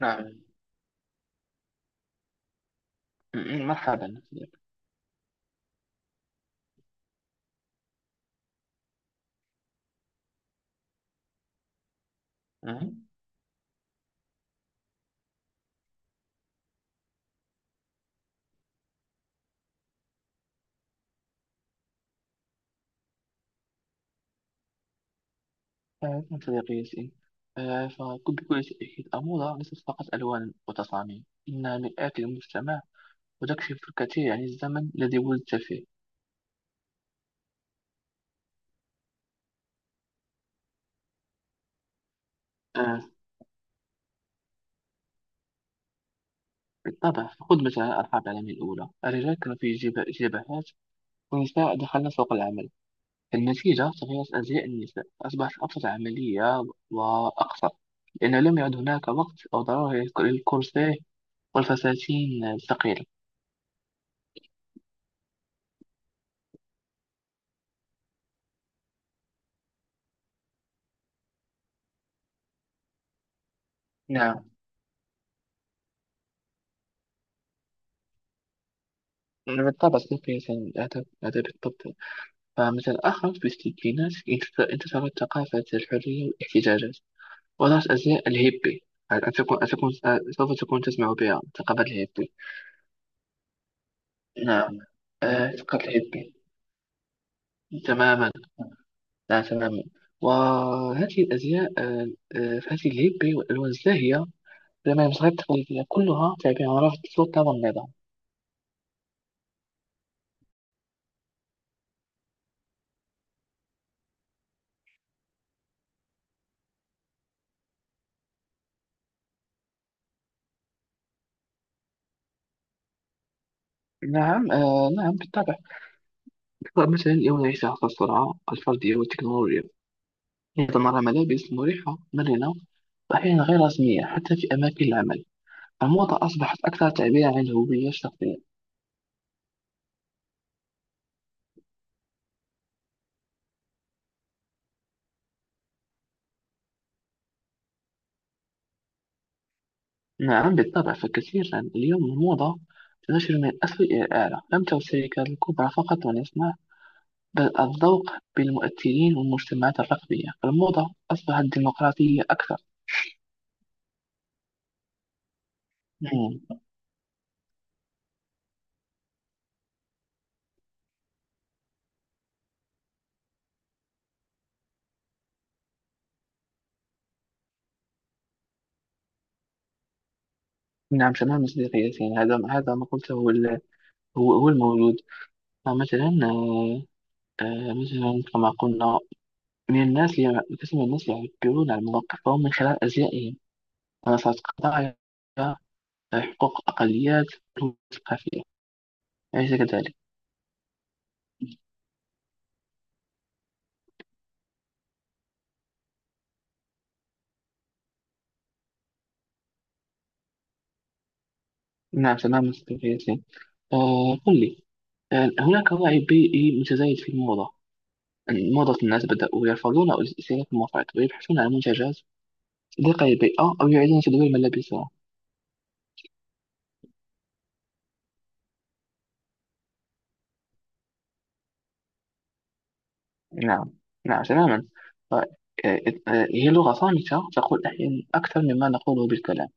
نعم. مرحبا صديقي. مهم. نعم صديقي ياسين. فكنت بكل تأكيد الموضة ليست فقط ألوان وتصاميم، إنها مرآة للمجتمع وتكشف الكثير عن الزمن الذي ولدت فيه. آه، بالطبع، خذ مثلا الحرب العالمية الأولى. الرجال كانوا في جبهات، والنساء دخلن سوق العمل. النتيجة تغيرت أزياء النساء، أصبحت أكثر عملية وأقصر، لأنه لم يعد هناك وقت أو ضرورة للكورسيه والفساتين الثقيلة. نعم بالطبع، سوف يساهم الأدب أدب الطب. فمثل آخر بالسكينات، انتصرت ثقافة الحرية والاحتجاجات، وظهرت أزياء الهيبي. أن تكون أن تكون سوف تكون تسمع بها ثقافة الهيبي. نعم. ثقافة الهيبي، تماما. لا، تماما. وهذه الأزياء، فهذه الهيبي والألوان الزاهية، لما المصاغات التقليدية كلها تعبير عن رفض السلطة والنظام. نعم. نعم بالطبع. مثلا يوم نعيش عصر السرعة الفردية والتكنولوجيا، يتضمن ملابس مريحة مرنة وأحيانا غير رسمية حتى في أماكن العمل. الموضة أصبحت أكثر تعبير عن الهوية الشخصية. نعم بالطبع، فكثيرا اليوم الموضة تنتشر من الأسفل إلى الأعلى. لم تعد الشركات الكبرى فقط من يصنع بل الذوق، بالمؤثرين والمجتمعات الرقمية. الموضة أصبحت ديمقراطية أكثر. مم. نعم تماما صديقي ياسين، هذا ما قلته، هو هو الموجود. فمثلا، مثلا كما قلنا، قسم من الناس اللي يعبرون عن مواقفهم من خلال أزيائهم، منصات قضايا حقوق الأقليات الثقافية، أليس كذلك؟ نعم تماما صديقي ياسين. قل لي، هناك وعي بيئي متزايد في الموضة. موضة الناس بدأوا يرفضون أو استهلاك المفرط، ويبحثون عن منتجات صديقة للبيئة، أو يعيدون تدوير ملابسهم. نعم، نعم تماما. ف- آه، هي لغة صامتة تقول أحيانا أكثر مما نقوله بالكلام.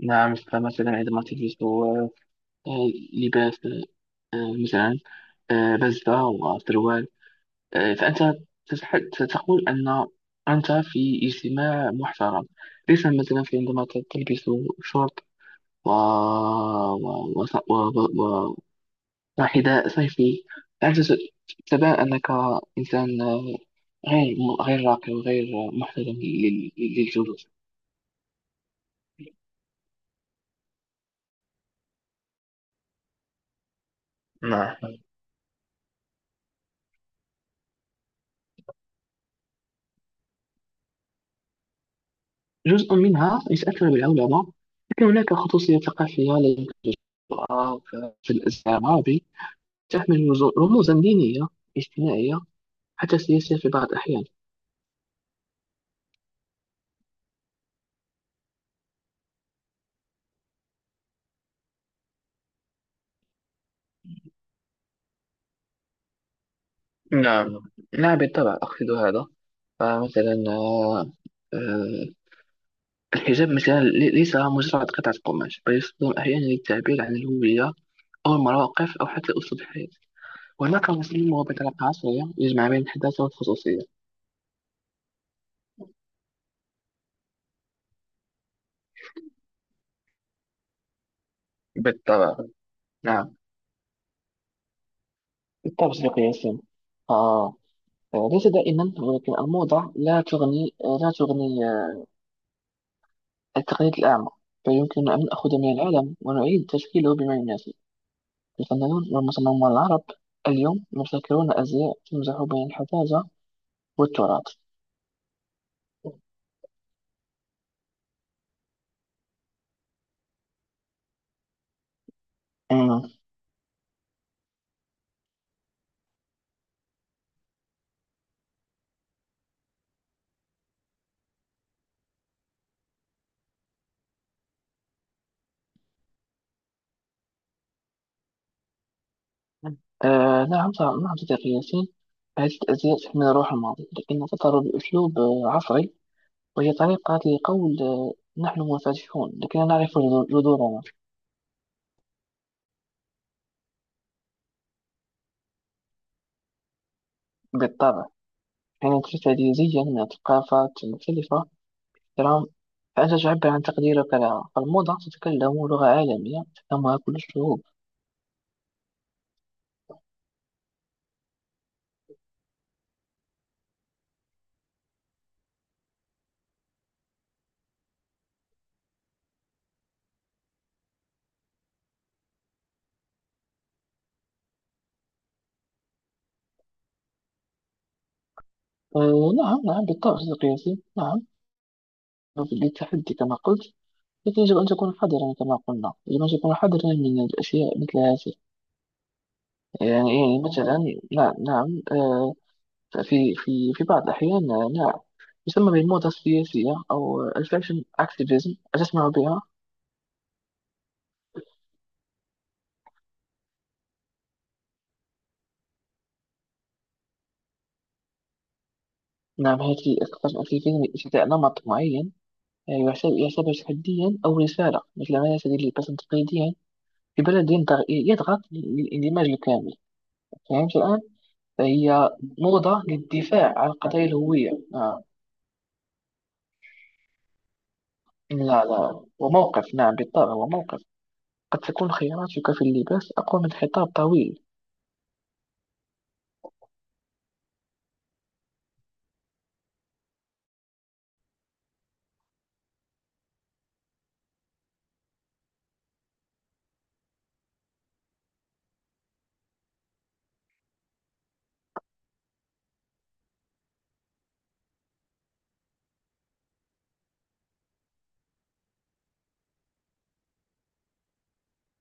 نعم، فمثلا عندما تجلس، لباس، مثلا بزة وسروال، فأنت تتح- تقول أن أنت في اجتماع محترم. ليس مثلا في عندما تلبس شورت و... و... وص- و... و... و... وحذاء صيفي. أنت تبان أنك إنسان، غير غير راقي وغير محترم للجلوس. نعم، جزء منها يتأثر بالعولمة، لكن هناك خصوصية ثقافية لدى الجرأة في الإسلام العربي، تحمل رموزا دينية، اجتماعية، حتى سياسية في بعض الأحيان. نعم، نعم بالطبع أقصد هذا. فمثلا آه، الحجاب مثلا ليس مجرد قطعة قماش، بل يستخدم أحيانا للتعبير عن الهوية، أو المواقف، أو حتى أسلوب الحياة. وهناك مسلم هو بطريقة عصرية يجمع بين الحداثة والخصوصية. بالطبع. نعم بالطبع صديقي ياسين، ليس دائما، ولكن الموضة لا تغني التقليد الأعمى، بل يمكننا أن نأخذ من العالم ونعيد تشكيله بما يناسب. الفنانون والمصممون العرب اليوم يبتكرون أزياء تمزح بين الحداثة والتراث. أمم. نعم، نعم صديقي ياسين. هذه الأزياء تحمل روح الماضي، لكنها تظهر بأسلوب عصري. وهي طريقة لقول، نحن منفتحون لكننا نعرف جذورنا. بالطبع، حين تشتري زيا من ثقافات مختلفة، ترى، فأنت تعبر عن تقديرك لها. فالموضة تتكلم لغة عالمية تفهمها كل الشعوب. أه، نعم نعم بالطبع صديقي ياسين. نعم للتحدي كما قلت، لكن يجب أن تكون حذرا. كما قلنا، يجب أن تكون حذرا من الأشياء مثل هذه. يعني مثلا، نعم نعم، أه، في بعض الأحيان، نعم، يسمى بالموضة السياسية أو الفاشن أكتيفيزم. أتسمع بها؟ نعم، هذه أكثر في فيلم ارتداء نمط معين، يعتبر تحديا أو رسالة، مثل ما يرتدي اللباس تقليديا في بلد يضغط للاندماج الكامل. فهمت الآن؟ فهي موضة للدفاع عن قضايا الهوية. لا لا، وموقف. نعم بالطبع، وموقف. قد تكون خياراتك في اللباس أقوى من خطاب طويل.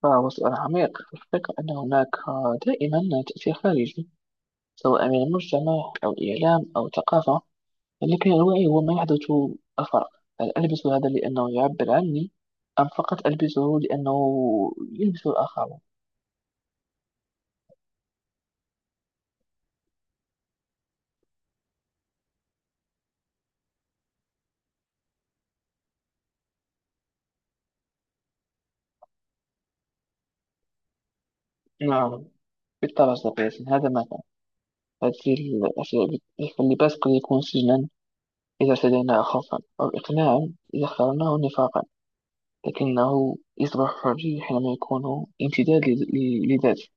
فهو سؤال عميق، في الفكرة أن هناك، دائما تأثير خارجي، سواء من المجتمع أو الإعلام أو الثقافة. لكن الوعي هو ما يحدث الفرق. هل ألبس هذا لأنه يعبر عني، أم فقط ألبسه لأنه يلبس الآخرون؟ نعم بالطبع صديقي. هذا مثلا، هذه الأشياء اللي باسكل يكون سجنا، إذا ارتديناه خوفا أو إقناعا، إذا اخترناه نفاقا، لكنه يصبح حرية حينما يكون امتداد لذاته